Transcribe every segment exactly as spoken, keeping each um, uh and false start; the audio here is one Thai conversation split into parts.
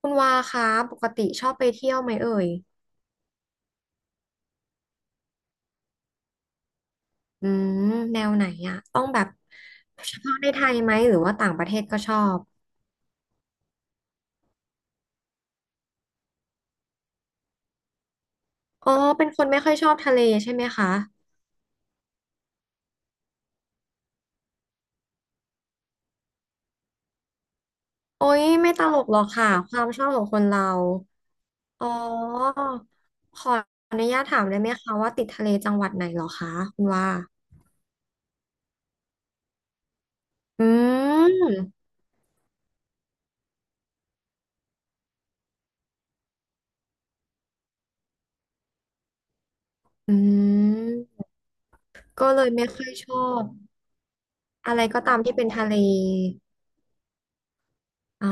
คุณวาคะปกติชอบไปเที่ยวไหมเอ่ยอืมแนวไหนอะต้องแบบเฉพาะในไทยไหมหรือว่าต่างประเทศก็ชอบอ๋อเป็นคนไม่ค่อยชอบทะเลใช่ไหมคะโอ้ยไม่ตลกหรอกค่ะความชอบของคนเราอ๋อขออนุญาตถามได้ไหมคะว่าติดทะเลจังหวัดไหนเหรอคะคุณว่าอืมอืมก็เลยไม่ค่อยชอบอะไรก็ตามที่เป็นทะเลอ๋อ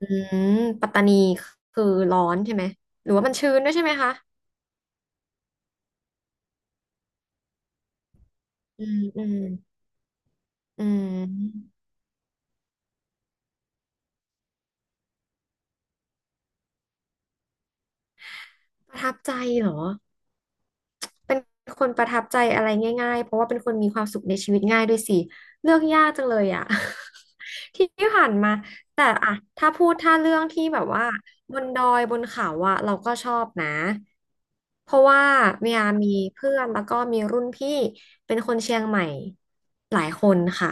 อืม ปัตตานีคือร้อนใช่ไหม หรือว่ามันชื้นด้วยใช่ไหมคะ อืม อืม อืม ประทับใจเหรอ เป็นคนประทับใจอะไรง่ายๆ เพราะว่าเป็นคนมีความสุขในชีวิตง่ายด้วยสิเลือกยากจังเลยอ่ะ ที่ผ่านมาแต่อะถ้าพูดถ้าเรื่องที่แบบว่าบนดอยบนเขาอะเราก็ชอบนะเพราะว่าเมียมีเพื่อนแล้วก็มีรุ่นพี่เป็นคนเชียงใหม่หลายคนค่ะ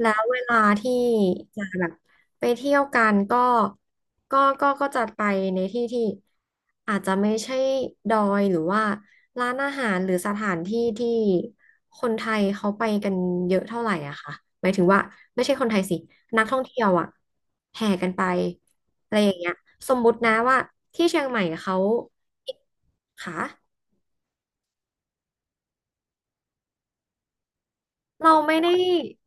แล้วเวลาที่จะแบบ ไปเที่ยวกันก็ก็ก็ก็จะไปในที่ที่อาจจะไม่ใช่ดอยหรือว่าร้านอาหารหรือสถานที่ที่คนไทยเขาไปกันเยอะเท่าไหร่อะค่ะหมายถึงว่าไม่ใช่คนไทยสิ นักท่องเที่ยวอะแห่กันไปอะไรอย่างเงี้ยสมมุตินะว่าที่เชียงใหม่เขาค่ะเราไม่ได้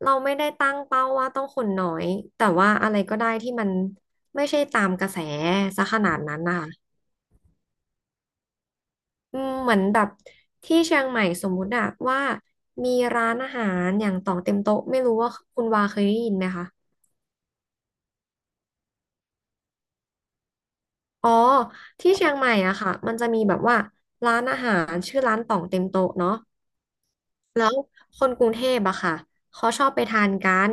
เราไม่ได้ตั้งเป้าว่าต้องคนน้อย แต่ว่าอะไรก็ได้ที่มันไม่ใช่ตามกระแสซะขนาดนั้นนะ อืมเหมือนแบบที่เชียงใหม่สมมุติอะว่ามีร้านอาหารอย่างต่องเต็มโต๊ะไม่รู้ว่าคุณวาเคยได้ยินไหมคะอ๋อที่เชียงใหม่อะค่ะมันจะมีแบบว่าร้านอาหารชื่อร้านต่องเต็มโต๊ะเนาะ แล้วคนกรุงเทพอะค่ะเขาชอบไปทานกัน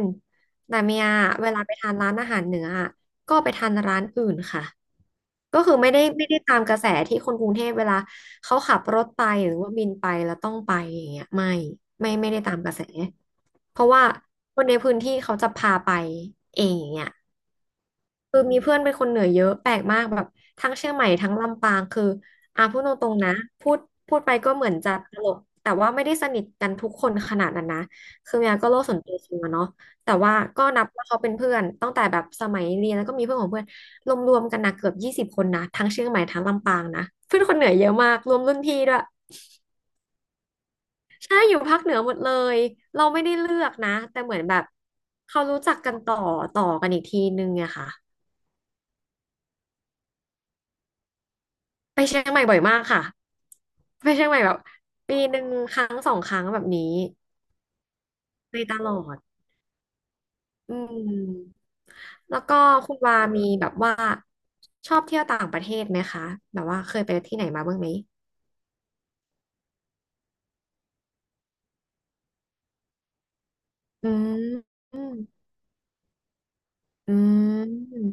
แต่เมียเวลาไปทานร้านอาหารเหนืออะก็ไปทานร้านอื่นค่ะก็คือไม่ได้ไม่ได้ตามกระแสที่คนกรุงเทพเวลาเขาขับรถไปหรือว่าบินไปแล้วต้องไปอย่างเงี้ยไม่ไม่ไม่ได้ตามกระแสเพราะว่าคนในพื้นที่เขาจะพาไปเองอย่างเงี้ย คือมีเพื่อนเป็นคนเหนือเยอะแปลกมากแบบทั้งเชียงใหม่ทั้งลำปางคืออ่ะพูดตรงๆนะพูดพูดไปก็เหมือนจะตลกแต่ว่าไม่ได้สนิทกันทุกคนขนาดนั้นนะคือเมียก็โลกส่วนตัวสูงอะเนาะแต่ว่าก็นับว่าเขาเป็นเพื่อนตั้งแต่แบบสมัยเรียนแล้วก็มีเพื่อนของเพื่อนรวมๆกันนะเกือบยี่สิบคนนะทั้งเชียงใหม่ทั้งลำปางนะเพื่อนคนเหนือเยอะมากรวมรุ่นพี่ด้วยใช่อยู่ภาคเหนือหมดเลยเราไม่ได้เลือกนะแต่เหมือนแบบเขารู้จักกันต่อต่อกันอีกทีนึงอะค่ะ ไปเชียงใหม่บ่อยมากค่ะไปเชียงใหม่แบบปีหนึ่งครั้งสองครั้งแบบนี้ไปตลอดอืมแล้วก็คุณวามีแบบว่าชอบเที่ยวต่างประเทศไหมคะแบบว่าเคยไปที่ไหนมาบ้างไหมอืมอืมอืม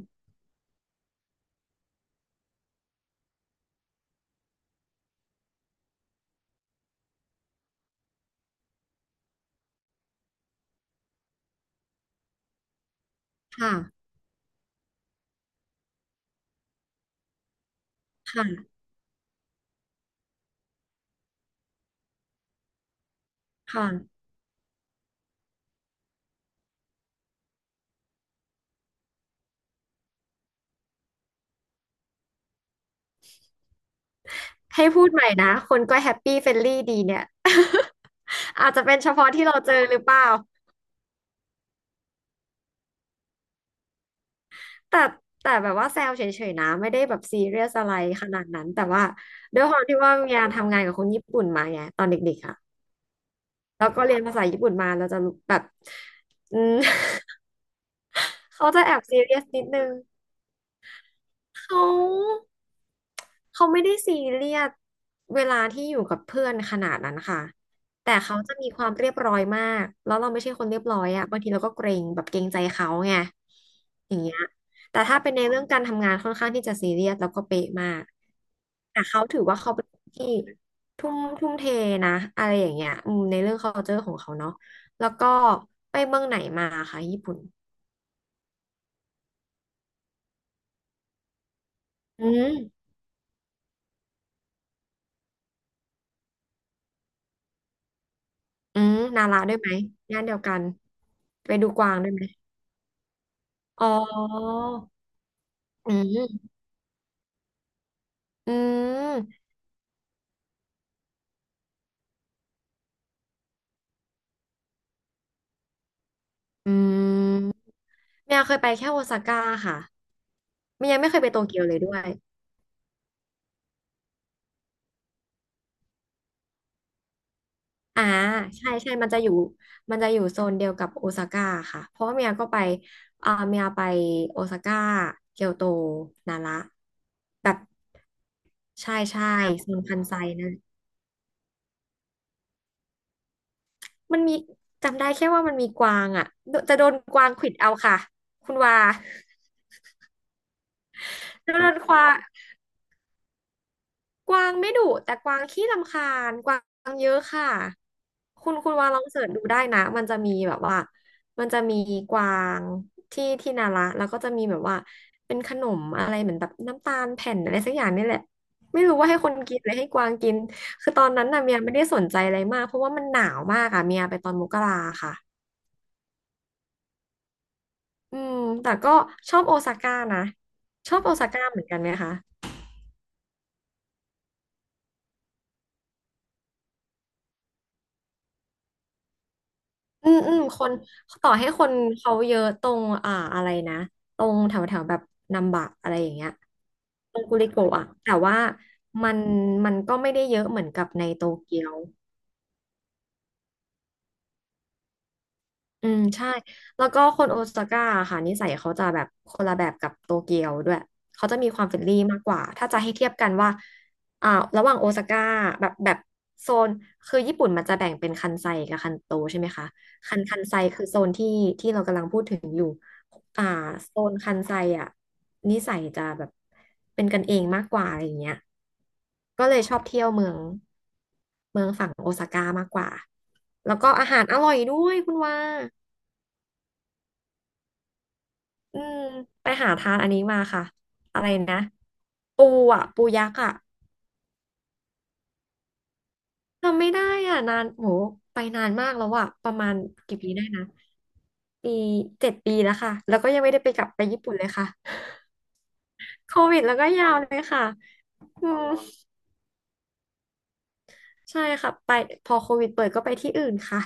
ค่ะค่ะค่ะให้พูดใหม่นะคนก็แฮปปี้เฟรนลี่ดีเนี่ย อาจจะเป็นเฉพาะที่เราเจอหรือเปล่า แต่แต่แบบว่าแซวเฉยๆนะไม่ได้แบบซีเรียสอะไรขนาดนั้นแต่ว่าด้วยความที่ว่าเมียทำงานกับคนญี่ปุ่นมาไงตอนเด็กๆอะแล้วก็เรียนภาษาญี่ปุ่นมาเราจะแบบอืม เขาจะแอบซีเรียสนิดนึงเขา เขาไม่ได้ซีเรียสเวลาที่อยู่กับเพื่อนขนาดนั้นค่ะแต่เขาจะมีความเรียบร้อยมากแล้วเราไม่ใช่คนเรียบร้อยอะบางทีเราก็เกรงแบบเกรงใจเขาไงอย่างเงี้ยแต่ถ้าเป็นในเรื่องการทำงานค่อนข้างที่จะซีเรียสแล้วก็เป๊ะมากแต่เขาถือว่าเขาเป็นคนที่ทุ่มทุ่มเทนะอะไรอย่างเงี้ยอืมในเรื่อง culture ของเขาเนาะแล้วก็ไปเมืองไหนมาค่ะญี่ปุ่นอืมอืมนาระด้วยไหมย่านเดียวกันไปดูกวางด้วยไหม อ๋ออืมอืมอืมเมียเคยไปแค่โอซาก้าค่ะเมียยังไม่เคยไปโตเกียวเลยด้วยอ่าใช่ใช่มันจะอยู่มันจะอยู่โซนเดียวกับโอซาก้าค่ะเพราะว่าเมียก็ไปอ่าเมียไปโอซาก้าเกียวโตนาระแบบใช่ใช่โซนคันไซนั่นมันมีจำได้แค่ว่ามันมีกวางอ่ะโดจะโดนกวางขวิดเอาค่ะคุณว่า จะโดนควาง กวางไม่ดุแต่กวางขี้รำคาญกวางเยอะค่ะคุณคุณวางลองเสิร์ชดูได้นะมันจะมีแบบว่ามันจะมีกวางที่ที่นาระแล้วก็จะมีแบบว่าเป็นขนมอะไรเหมือนแบบน้ำตาลแผ่นอะไรสักอย่างนี่แหละไม่รู้ว่าให้คนกินหรือให้กวางกินคือตอนนั้นน่ะเมียไม่ได้สนใจอะไรมากเพราะว่ามันหนาวมากอะเมียไปตอนมกราค่ะอืมแต่ก็ชอบโอซาก้านะชอบโอซาก้าเหมือนกันไหมคะ อืมอืมคนต่อให้คนเขาเยอะตรงอ่าอะไรนะตรงแถวแถวแบบนัมบะอะไรอย่างเงี้ยตรงกุริโกะอะแต่ว่ามันมันก็ไม่ได้เยอะเหมือนกับในโตเกียว อืมใช่แล้วก็คนโอซาก้าค่ะนิสัยเขาจะแบบคนละแบบกับโตเกียวด้วยเขาจะมีความเฟรนลี่มากกว่าถ้าจะให้เทียบกันว่าอ่าระหว่างโอซาก้าแบบแบบโซนคือญี่ปุ่นมันจะแบ่งเป็นคันไซกับคันโตใช่ไหมคะคันคันไซคือโซนที่ที่เรากำลังพูดถึงอยู่อ่าโซนคันไซอ่ะนิสัยจะแบบเป็นกันเองมากกว่าอะไรอย่างเงี้ยก็เลยชอบเที่ยวเมืองเมืองฝั่งโอซาก้ามากกว่าแล้วก็อาหารอร่อยด้วยคุณว่า อืมไปหาทานอันนี้มาค่ะอะไรนะปูอ่ะปูยักษ์อ่ะทำไม่ได้อ่ะนานโหไปนานมากแล้วอ่ะประมาณกี่ปีได้นะปีเจ็ดปีแล้วค่ะแล้วก็ยังไม่ได้ไปกลับไปญี่ปุ่นเลยค่ะโควิดแล้วก็ยาวเลยค่ะอืมใช่ค่ะไปพอโควิดเปิดก็ไปที่อื่นค่ะ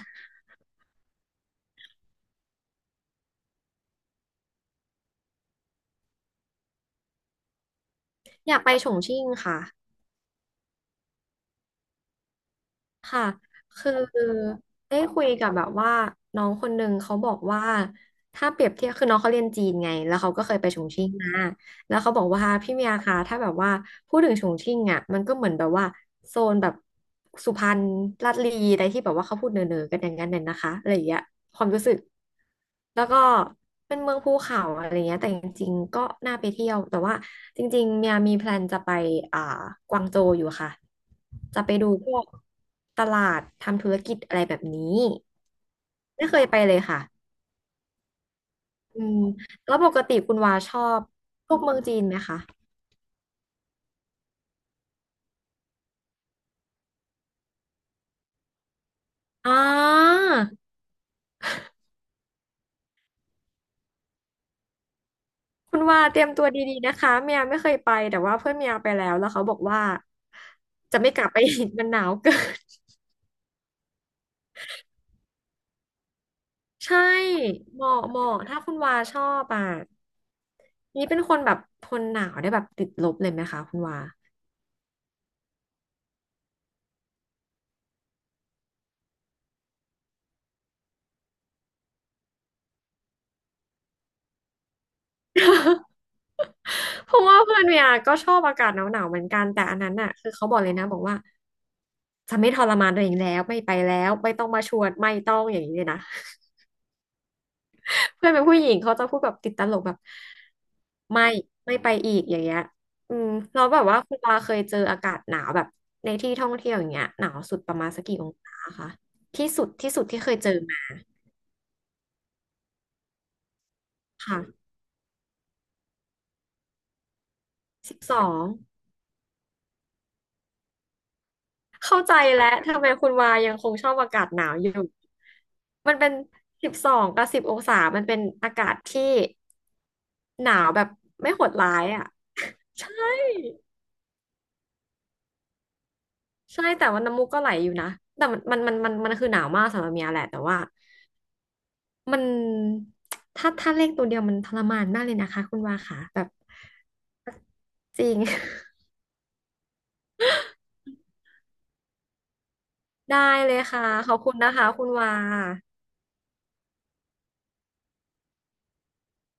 อยากไปฉงชิ่งค่ะค่ะคือได้คุยกับแบบว่าน้องคนหนึ่งเขาบอกว่าถ้าเปรียบเทียบคือน้องเขาเรียนจีนไงแล้วเขาก็เคยไปฉงชิ่งมา แล้วเขาบอกว่าพี่เมียคะถ้าแบบว่าพูดถึงฉงชิ่งอ่ะมันก็เหมือนแบบว่าโซนแบบสุพรรณลาดลีอะไรที่แบบว่าเขาพูดเนอๆกันอย่างนั้นน่ะนะคะอะไรอย่างเงี้ยความรู้สึกแล้วก็เป็นเมืองภูเขาอะไรเงี้ยแต่จริงๆก็น่าไปเที่ยวแต่ว่าจริงๆเมียมีแพลนจะไปอ่ากวางโจวอยู่ค่ะจะไปดูพวกตลาดทำธุรกิจอะไรแบบนี้ไม่เคยไปเลยค่ะอืมแล้วปกติคุณวาชอบพวกเมืองจีนไหมคะ อ่าคุณว่าเตรียมตัวดีๆนะคะเมียไม่เคยไปแต่ว่าเพื่อนเมียไปแล้วแล้วเขาบอกว่าจะไม่กลับไปอีกมันหนาวเกิน ใช่เหมาะเหมาะถ้าคุณว่าชอบอ่ะนี่เป็นคนแบบทนหนาวได้แบบติดลบเลยไหมคะคุณว่า เพราะว่าเพื่อนเมียก็ชอบอากาศหนาวๆเหมือนกันแต่อันนั้นน่ะคือเขาบอกเลยนะบอกว่าจะไม่ทรมานตัวเองแล้วไม่ไปแล้วไม่ต้องมาชวนไม่ต้องอย่างนี้เลยนะ เพื่อนเป็นผู้หญิงเขาจะพูดแบบติดตลกแบบไม่ไม่ไปอีกอย่างเงี้ยอืมเราแล้วแบบว่าคุณปาเคยเจออากาศหนาวแบบในที่ท่องเที่ยวอย่างเงี้ยหนาวสุดประมาณสักกี่องศาคะที่สุดที่สุดที่เคยเจอมาค่ะสิบสองเข้าใจแล้วทำไมคุณวายังคงชอบอากาศหนาวอยู่มันเป็นสิบสองกับสิบองศามันเป็นอากาศที่หนาวแบบไม่โหดร้ายอ่ะใช่ ใช่แต่ว่าน้ำมูกก็ไหลอยู่นะแต่มันมันมันมันมันคือหนาวมากสำหรับเมียแหละแต่ว่ามันถ้าถ้าเลขตัวเดียวมันทรมานมากเลยนะคะคุณวาค่ะแบบจริง ได้เลยค่ะขอบคุณนะคะคุณวา